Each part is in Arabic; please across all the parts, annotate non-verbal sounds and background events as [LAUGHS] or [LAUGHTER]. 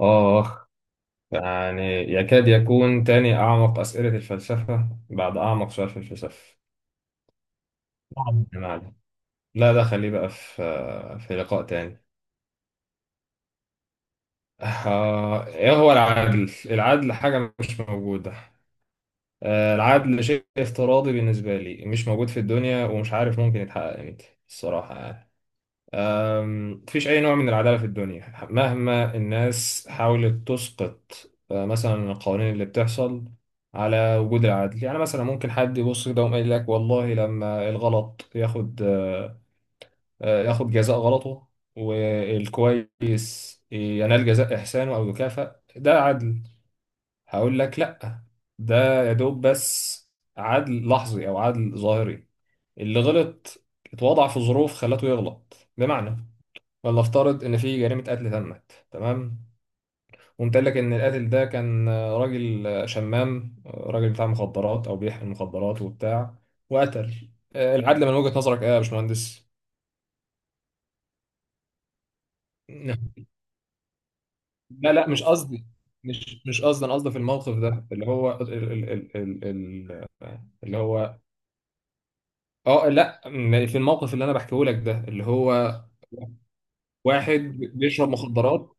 آه يعني يكاد يكون تاني أعمق أسئلة الفلسفة بعد أعمق سؤال في الفلسفة. نعم، ما علينا. لا، ده خليه بقى في لقاء تاني. إيه هو العدل؟ العدل حاجة مش موجودة. العدل شيء افتراضي بالنسبة لي، مش موجود في الدنيا، ومش عارف ممكن يتحقق إمتى الصراحة، يعني مفيش أي نوع من العدالة في الدنيا مهما الناس حاولت تسقط. مثلا القوانين اللي بتحصل على وجود العدل، يعني مثلا ممكن حد يبص كده ويقول لك والله لما الغلط ياخد آه، آه، ياخد جزاء غلطه، والكويس ينال جزاء إحسانه أو يكافأ، ده عدل. هقول لك لأ، ده يا دوب بس عدل لحظي أو عدل ظاهري. اللي غلط اتوضع في ظروف خلته يغلط، بمعنى فلنفترض ان في جريمه قتل تمت، تمام، وقمت قايل لك ان القاتل ده كان راجل، شمام، راجل بتاع مخدرات او بيحمل مخدرات وبتاع، وقتل. العدل من وجهه نظرك ايه يا باشمهندس؟ [LAUGHS] لا، لا، مش قصدي. مش قصدي، انا قصدي في الموقف ده اللي هو ال ال ال ال ال اللي هو، اه لا م- في الموقف اللي انا بحكيه لك ده، اللي هو واحد بيشرب مخدرات.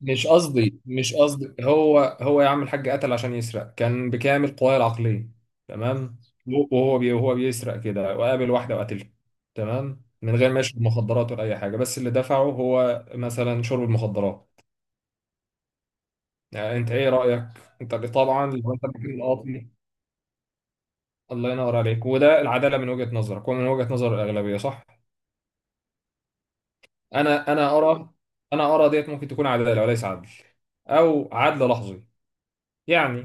مش قصدي، هو يا عم الحاج، قتل عشان يسرق، كان بكامل قواه العقلية، تمام. وهو بيسرق كده وقابل واحدة وقتلها، تمام، من غير ما يشرب مخدرات ولا أي حاجة، بس اللي دفعه هو مثلا شرب المخدرات. يعني أنت إيه رأيك؟ أنت طبعا لو أنت مكان القاضي؟ الله ينور عليك، وده العدالة من وجهة نظرك ومن وجهة نظر الأغلبية، صح؟ أنا أنا أرى أنا أرى ديت ممكن تكون عدالة وليس عدل، أو عدل لحظي. يعني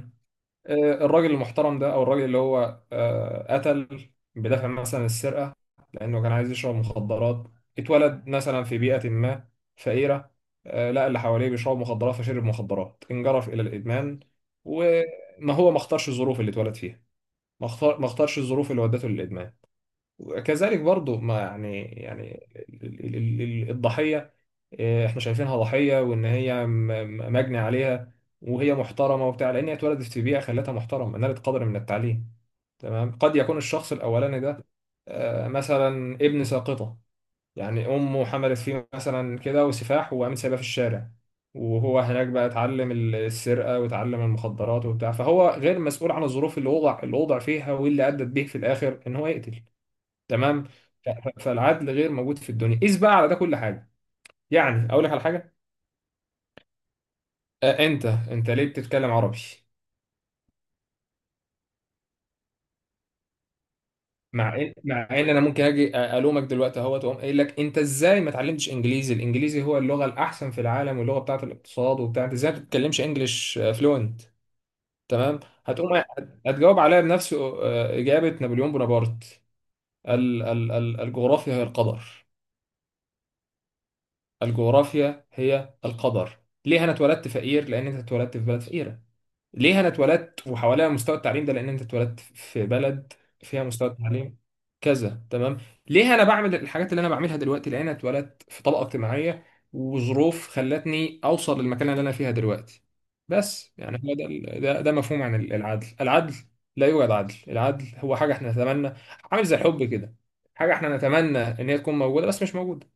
آه، الراجل المحترم ده او الراجل اللي هو قتل بدافع مثلا السرقه لانه كان عايز يشرب مخدرات، اتولد مثلا في بيئه ما فقيره، لقى اللي حواليه بيشربوا مخدرات فشرب مخدرات، انجرف الى الادمان. وما هو ما اختارش الظروف اللي اتولد فيها، ما اختارش الظروف اللي ودته للادمان. وكذلك برضو ما يعني، الضحيه، إيه، احنا شايفينها ضحية وان هي مجني عليها، وهي محترمة وبتاع لان هي اتولدت في بيئة خلتها محترمة، نالت قدر من التعليم، تمام. قد يكون الشخص الاولاني ده مثلا ابن ساقطة، يعني امه حملت فيه مثلا كده وسفاح، وقامت سايباه في الشارع، وهو هناك بقى اتعلم السرقة واتعلم المخدرات وبتاع، فهو غير مسؤول عن الظروف اللي وضع فيها واللي أدت به في الآخر إن هو يقتل، تمام. فالعدل غير موجود في الدنيا، قيس بقى على ده كل حاجة. يعني أقول لك على حاجة. انت ليه بتتكلم عربي؟ مع ان انا ممكن اجي الومك دلوقتي، اهو تقوم قايل لك انت ازاي ما اتعلمتش انجليزي؟ الانجليزي هو اللغه الاحسن في العالم، واللغه بتاعه الاقتصاد وبتاع، انت ازاي ما بتتكلمش انجليش فلوينت؟ تمام. هتقوم هتجاوب عليا بنفس اجابه نابليون بونابرت. ال ال ال الجغرافيا هي القدر. الجغرافيا هي القدر. ليه انا اتولدت فقير؟ لان انت اتولدت في بلد فقيره. ليه انا اتولدت وحواليها مستوى التعليم ده؟ لان انت اتولدت في بلد فيها مستوى التعليم كذا، تمام. ليه انا بعمل الحاجات اللي انا بعملها دلوقتي؟ لان انا اتولدت في طبقه اجتماعيه وظروف خلتني اوصل للمكان اللي انا فيها دلوقتي. بس يعني هو ده مفهوم عن العدل. العدل لا يوجد، عدل العدل هو حاجه احنا نتمنى، عامل زي الحب كده، حاجه احنا نتمنى ان هي تكون موجوده بس مش موجوده.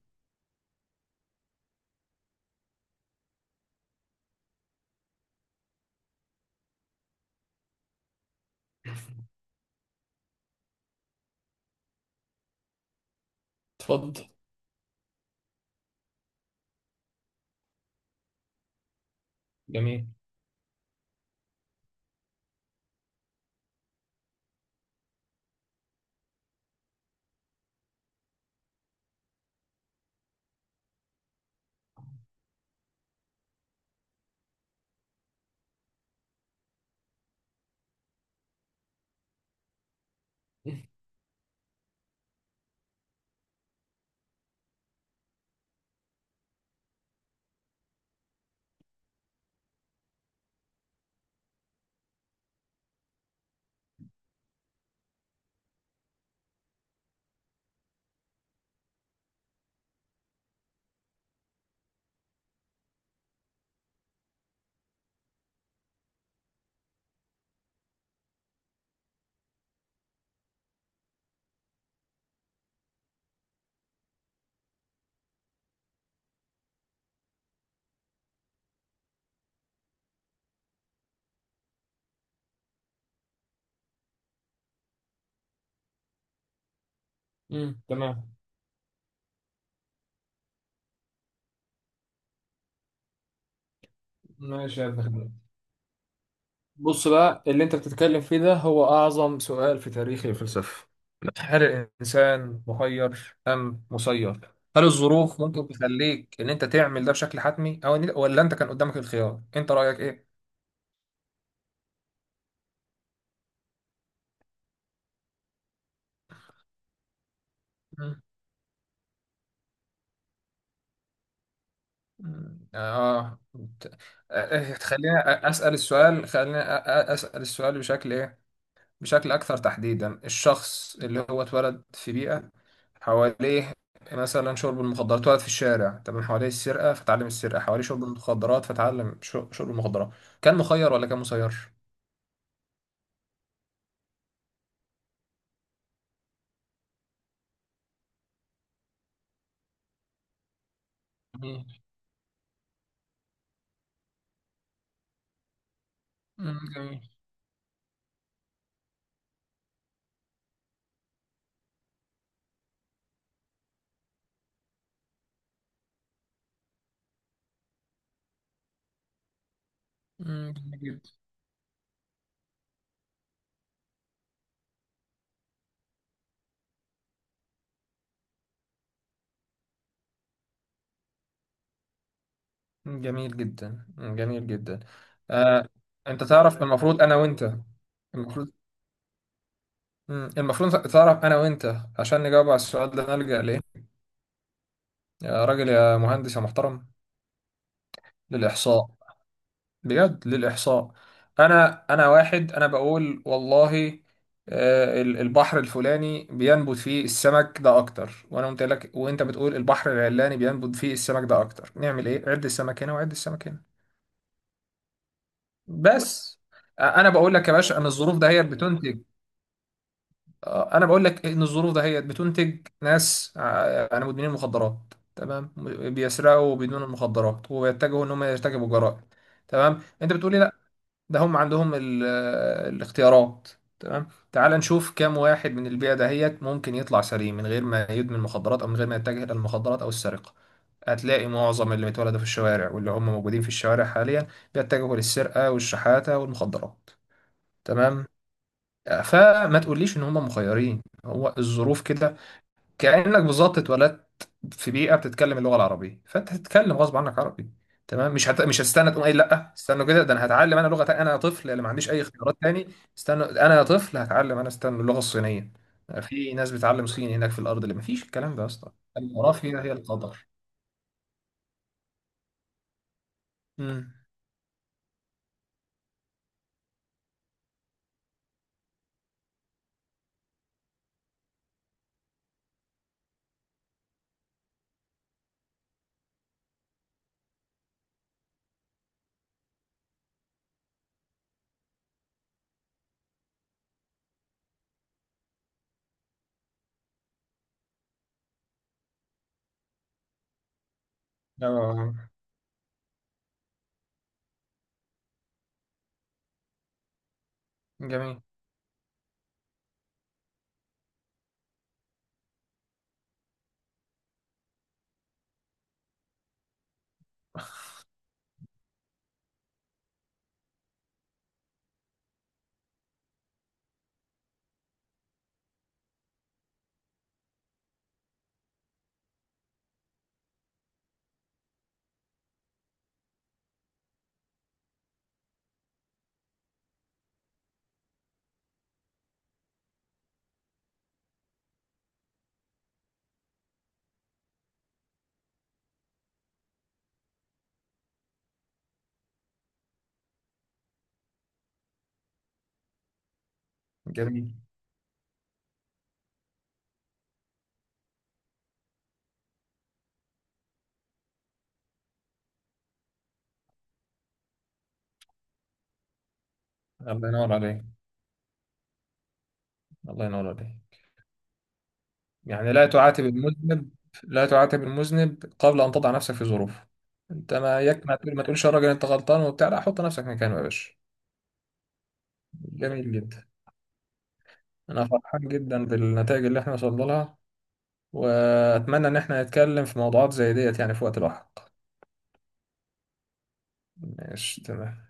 اتفضل. جميل. مم. تمام. ماشي يا ابني. بص بقى، اللي انت بتتكلم فيه ده هو اعظم سؤال في تاريخ الفلسفه. هل الانسان مخير ام مسير؟ هل الظروف ممكن تخليك ان انت تعمل ده بشكل حتمي، او ولا انت كان قدامك الخيار؟ انت رايك ايه؟ مم. مم. اه. ت- آه، خلينا اسال السؤال بشكل ايه، بشكل أكثر تحديدا. الشخص اللي هو اتولد في بيئة حواليه مثلا شرب المخدرات، اتولد في الشارع، تمام، حواليه السرقة فتعلم السرقة، حواليه شرب المخدرات فتعلم شرب المخدرات، كان مخير ولا كان مسير؟ جميل. مم، جميل. مم، جميل جدا. مم، جميل جدا. مم، جميل جدا. آه، انت تعرف، المفروض انا وانت، المفروض، المفروض تعرف انا وانت، عشان نجاوب على السؤال ده، نلجأ ليه يا راجل يا مهندس يا محترم؟ للإحصاء. بجد للإحصاء. أنا واحد أنا بقول والله البحر الفلاني بينبت فيه السمك ده أكتر، وأنا قلت لك، وأنت بتقول البحر العلاني بينبت فيه السمك ده أكتر. نعمل إيه؟ عد السمك هنا وعد السمك هنا، بس. أنا بقول لك يا باشا إن الظروف ده هي بتنتج. أنا بقول لك إن الظروف ده هي بتنتج ناس آه، أنا مدمنين مخدرات، تمام، بيسرقوا بدون المخدرات وبيتجهوا إن هم يرتكبوا جرائم، تمام. أنت بتقولي لا، ده هم عندهم الاختيارات. تمام، تعال نشوف كام واحد من البيئة دهيت ممكن يطلع سليم من غير ما يدمن مخدرات او من غير ما يتجه الى المخدرات او السرقة. هتلاقي معظم اللي بيتولدوا في الشوارع واللي هم موجودين في الشوارع حاليا بيتجهوا للسرقة والشحاتة والمخدرات، تمام. فما تقوليش ان هم مخيرين، هو الظروف كده. كأنك بالظبط اتولدت في بيئة بتتكلم اللغة العربية، فانت هتتكلم غصب عنك عربي، تمام. مش هتستنى تقوم قايل لا، استنوا كده، ده انا هتعلم انا لغة تانية، انا يا طفل اللي ما عنديش اي اختيارات تاني. استنوا، انا يا طفل هتعلم انا، استنى اللغة الصينية. في ناس بتعلم صيني هناك في الارض، اللي ما فيش الكلام ده يا اسطى. الجغرافيا هي القدر. امم. اه. جميل، جميل. الله ينور عليك. الله ينور عليك. يعني لا تعاتب المذنب. لا تعاتب المذنب قبل أن تضع نفسك في ظروفه. أنت ما تقولش يا راجل أنت غلطان وبتاع، لا، حط نفسك مكانه يا باشا. جميل جدا. أنا فرحان جدا بالنتائج اللي إحنا وصلنا لها، وأتمنى إن إحنا نتكلم في موضوعات زي ديت يعني في وقت لاحق. ماشي، تمام.